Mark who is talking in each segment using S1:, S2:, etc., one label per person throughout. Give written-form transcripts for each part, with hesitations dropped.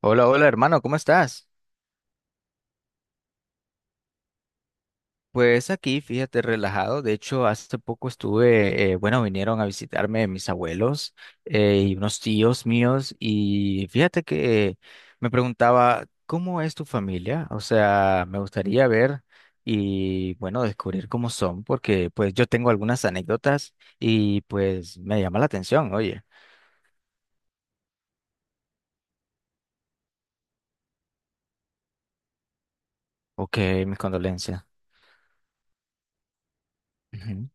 S1: Hola, hola hermano, ¿cómo estás? Pues aquí, fíjate, relajado. De hecho, hace poco estuve, bueno, vinieron a visitarme mis abuelos y unos tíos míos y fíjate que me preguntaba, ¿cómo es tu familia? O sea, me gustaría ver y, bueno, descubrir cómo son, porque pues yo tengo algunas anécdotas y pues me llama la atención, oye. Ok, mis condolencias. Ujú.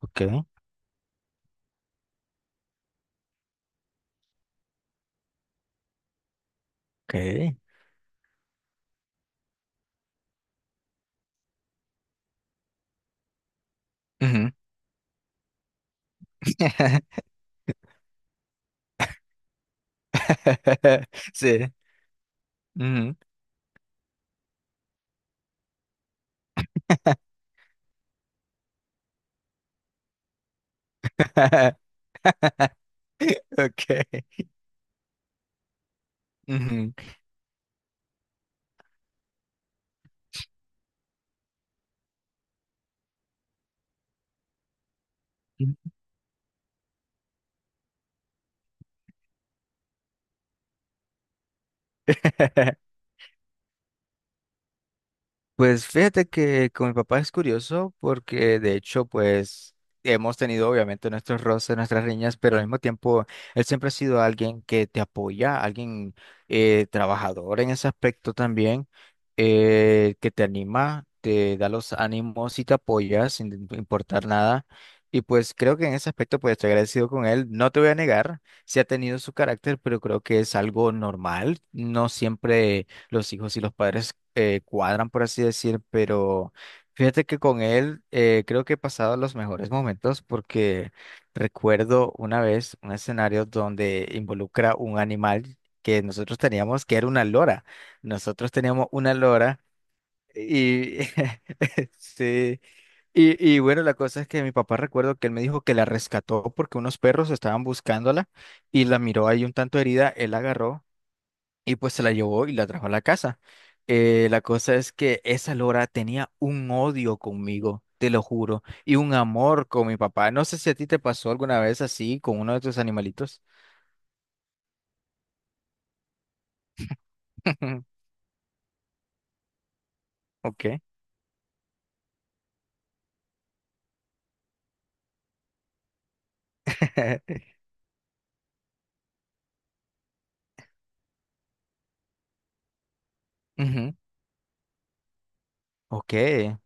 S1: Ok, ok. Ujú. Sí. Ujú. Okay. Ujú. Pues fíjate que con mi papá es curioso porque de hecho pues hemos tenido obviamente nuestros roces, nuestras riñas, pero al mismo tiempo él siempre ha sido alguien que te apoya, alguien trabajador en ese aspecto también, que te anima, te da los ánimos y te apoya sin importar nada. Y pues creo que en ese aspecto pues estoy agradecido con él. No te voy a negar, sí ha tenido su carácter, pero creo que es algo normal. No siempre los hijos y los padres cuadran, por así decir, pero fíjate que con él creo que he pasado los mejores momentos porque recuerdo una vez un escenario donde involucra un animal que nosotros teníamos, que era una lora. Nosotros teníamos una lora y sí. Y bueno, la cosa es que mi papá recuerdo que él me dijo que la rescató porque unos perros estaban buscándola y la miró ahí un tanto herida, él la agarró y pues se la llevó y la trajo a la casa. La cosa es que esa Lora tenía un odio conmigo, te lo juro, y un amor con mi papá. No sé si a ti te pasó alguna vez así con uno de tus animalitos. Ok. Ujú. Ok.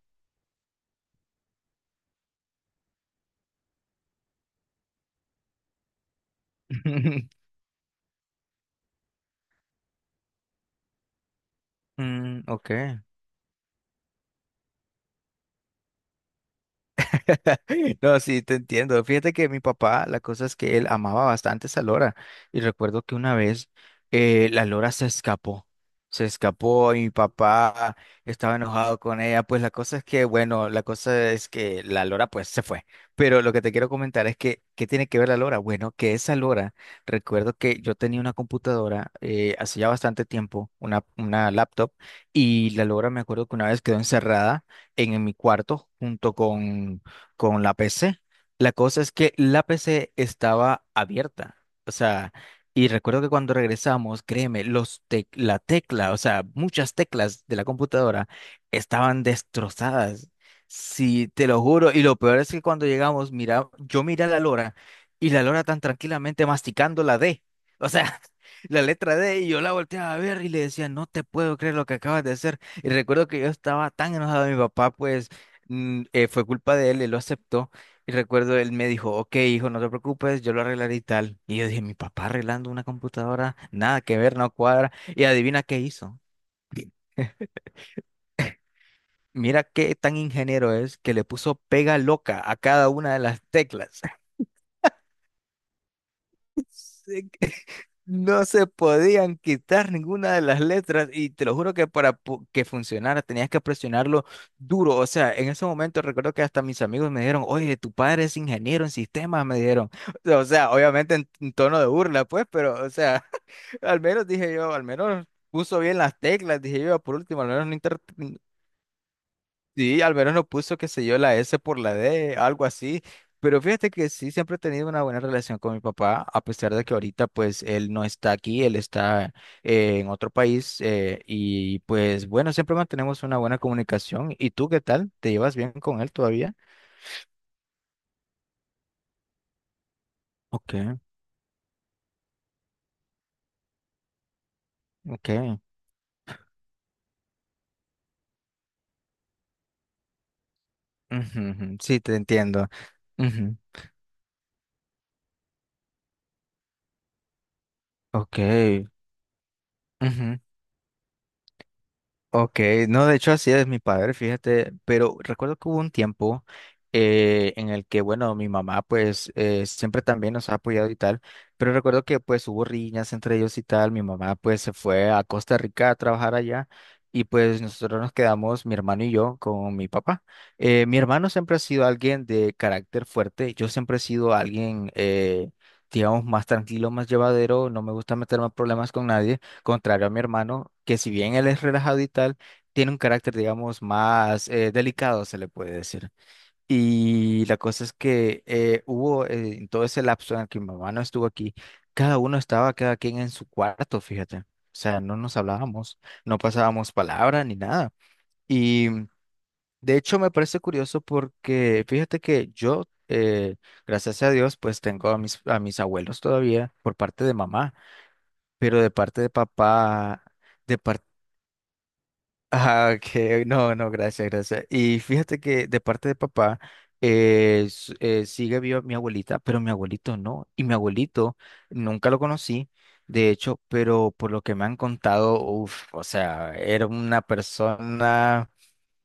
S1: Mm, ok. No, sí, te entiendo. Fíjate que mi papá, la cosa es que él amaba bastante esa lora. Y recuerdo que una vez la lora se escapó. Se escapó y mi papá estaba enojado con ella. Pues la cosa es que, bueno, la cosa es que la lora pues se fue. Pero lo que te quiero comentar es que, ¿qué tiene que ver la lora? Bueno, que esa lora, recuerdo que yo tenía una computadora hace ya bastante tiempo, una laptop, y la lora me acuerdo que una vez quedó encerrada en mi cuarto junto con la PC. La cosa es que la PC estaba abierta. O sea, y recuerdo que cuando regresamos, créeme, la tecla, o sea, muchas teclas de la computadora estaban destrozadas. Sí, te lo juro. Y lo peor es que cuando llegamos, mira, yo miré a la Lora y la Lora tan tranquilamente masticando la D. O sea, la letra D y yo la volteaba a ver y le decía, no te puedo creer lo que acabas de hacer. Y recuerdo que yo estaba tan enojado de mi papá, pues fue culpa de él, él lo aceptó. Y recuerdo, él me dijo, ok, hijo, no te preocupes, yo lo arreglaré y tal. Y yo dije, mi papá arreglando una computadora, nada que ver, no cuadra. Y adivina qué hizo. Mira qué tan ingeniero es que le puso pega loca a cada una de las teclas. No se podían quitar ninguna de las letras y te lo juro que que funcionara tenías que presionarlo duro. O sea, en ese momento recuerdo que hasta mis amigos me dijeron, oye, tu padre es ingeniero en sistemas, me dijeron. O sea, obviamente en tono de burla, pues, pero, o sea, al menos dije yo, al menos puso bien las teclas, dije yo, por último, al menos no. Sí, al menos no puso, qué sé yo, la S por la D, algo así. Pero fíjate que sí, siempre he tenido una buena relación con mi papá, a pesar de que ahorita pues él no está aquí, él está en otro país y pues bueno, siempre mantenemos una buena comunicación. ¿Y tú qué tal? ¿Te llevas bien con él todavía? Ok, ok. Ujú, ujú. Sí, te entiendo. Ujú. Ok. Ujú. Ok, no, de hecho así es mi padre, fíjate, pero recuerdo que hubo un tiempo en el que, bueno, mi mamá pues siempre también nos ha apoyado y tal, pero recuerdo que pues hubo riñas entre ellos y tal, mi mamá pues se fue a Costa Rica a trabajar allá y pues nosotros nos quedamos, mi hermano y yo, con mi papá. Mi hermano siempre ha sido alguien de carácter fuerte, yo siempre he sido alguien, digamos, más tranquilo, más llevadero, no me gusta meterme en problemas con nadie contrario a mi hermano, que si bien él es relajado y tal, tiene un carácter, digamos, más delicado, se le puede decir. Y la cosa es que hubo en todo ese lapso en el que mi mamá no estuvo aquí, cada uno estaba, cada quien en su cuarto, fíjate. O sea, no nos hablábamos, no pasábamos palabra ni nada. Y de hecho me parece curioso porque fíjate que yo, gracias a Dios, pues tengo a mis abuelos todavía por parte de mamá, pero de parte de papá... De parte. Ah, ok, no, no, gracias, gracias. Y fíjate que de parte de papá sigue viva mi abuelita, pero mi abuelito no. Y mi abuelito nunca lo conocí, de hecho, pero por lo que me han contado, uff, o sea, era una persona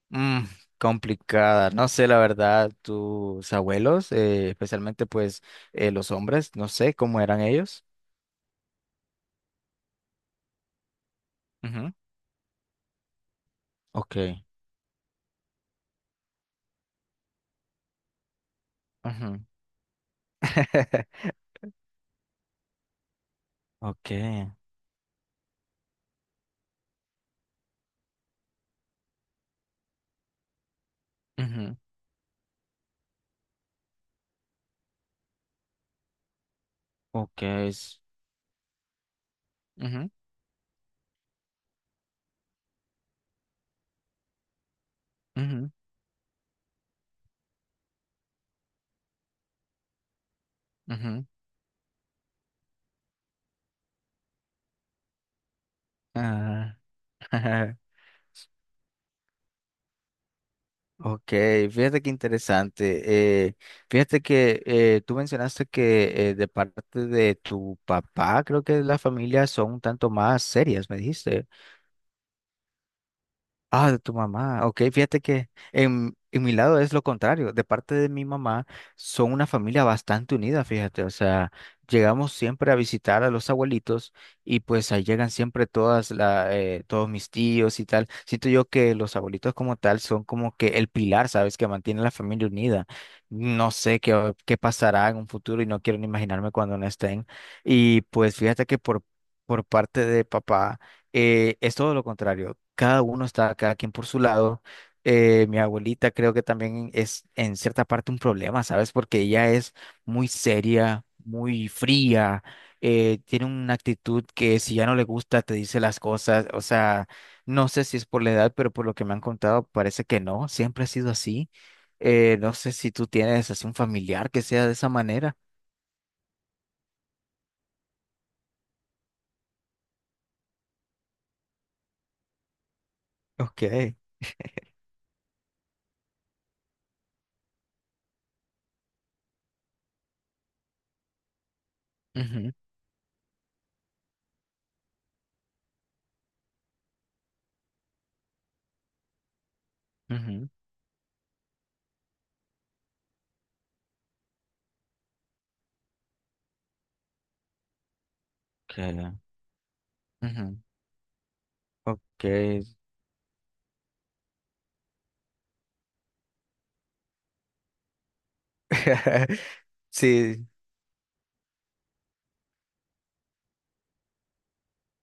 S1: mm, complicada. No sé, la verdad, tus abuelos, especialmente pues los hombres, no sé cómo eran ellos. Ujú. Ok. Ujú. Ok. Ujú. Ok. Es- ujú. Ujú, ujú. Ah. Ok, fíjate qué interesante. eh, Fíjate que tú mencionaste que de parte de tu papá, creo que las familias son un tanto más serias, me dijiste. Ah, de tu mamá. Ok, fíjate que en mi lado es lo contrario. De parte de mi mamá, son una familia bastante unida, fíjate. O sea, llegamos siempre a visitar a los abuelitos y pues ahí llegan siempre todas la, todos mis tíos y tal. Siento yo que los abuelitos como tal son como que el pilar, ¿sabes? Que mantiene la familia unida. No sé qué, qué pasará en un futuro y no quiero ni imaginarme cuando no estén. Y pues fíjate que por parte de papá es todo lo contrario. Cada uno está, cada quien por su lado. Mi abuelita creo que también es en cierta parte un problema, ¿sabes? Porque ella es muy seria, muy fría, tiene una actitud que si ya no le gusta te dice las cosas. O sea, no sé si es por la edad, pero por lo que me han contado parece que no, siempre ha sido así. No sé si tú tienes así un familiar que sea de esa manera. Ok. Ujú, ujú. Que- ujú. Ok. Sí,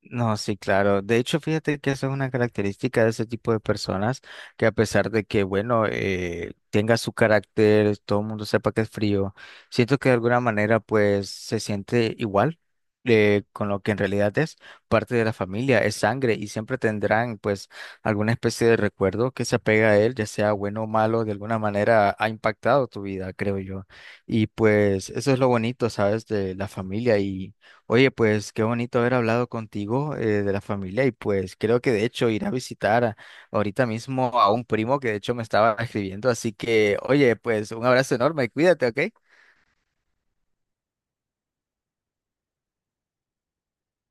S1: no, sí, claro. De hecho, fíjate que esa es una característica de ese tipo de personas que a pesar de que, bueno, tenga su carácter, todo el mundo sepa que es frío, siento que de alguna manera pues se siente igual con lo que en realidad es parte de la familia, es sangre y siempre tendrán pues alguna especie de recuerdo que se apega a él, ya sea bueno o malo, de alguna manera ha impactado tu vida, creo yo. Y pues eso es lo bonito, ¿sabes? De la familia y... Oye, pues qué bonito haber hablado contigo de la familia y pues creo que de hecho ir a visitar a- ahorita mismo a un primo que de hecho me estaba escribiendo, así que oye, pues un abrazo enorme, cuídate, ¿ok?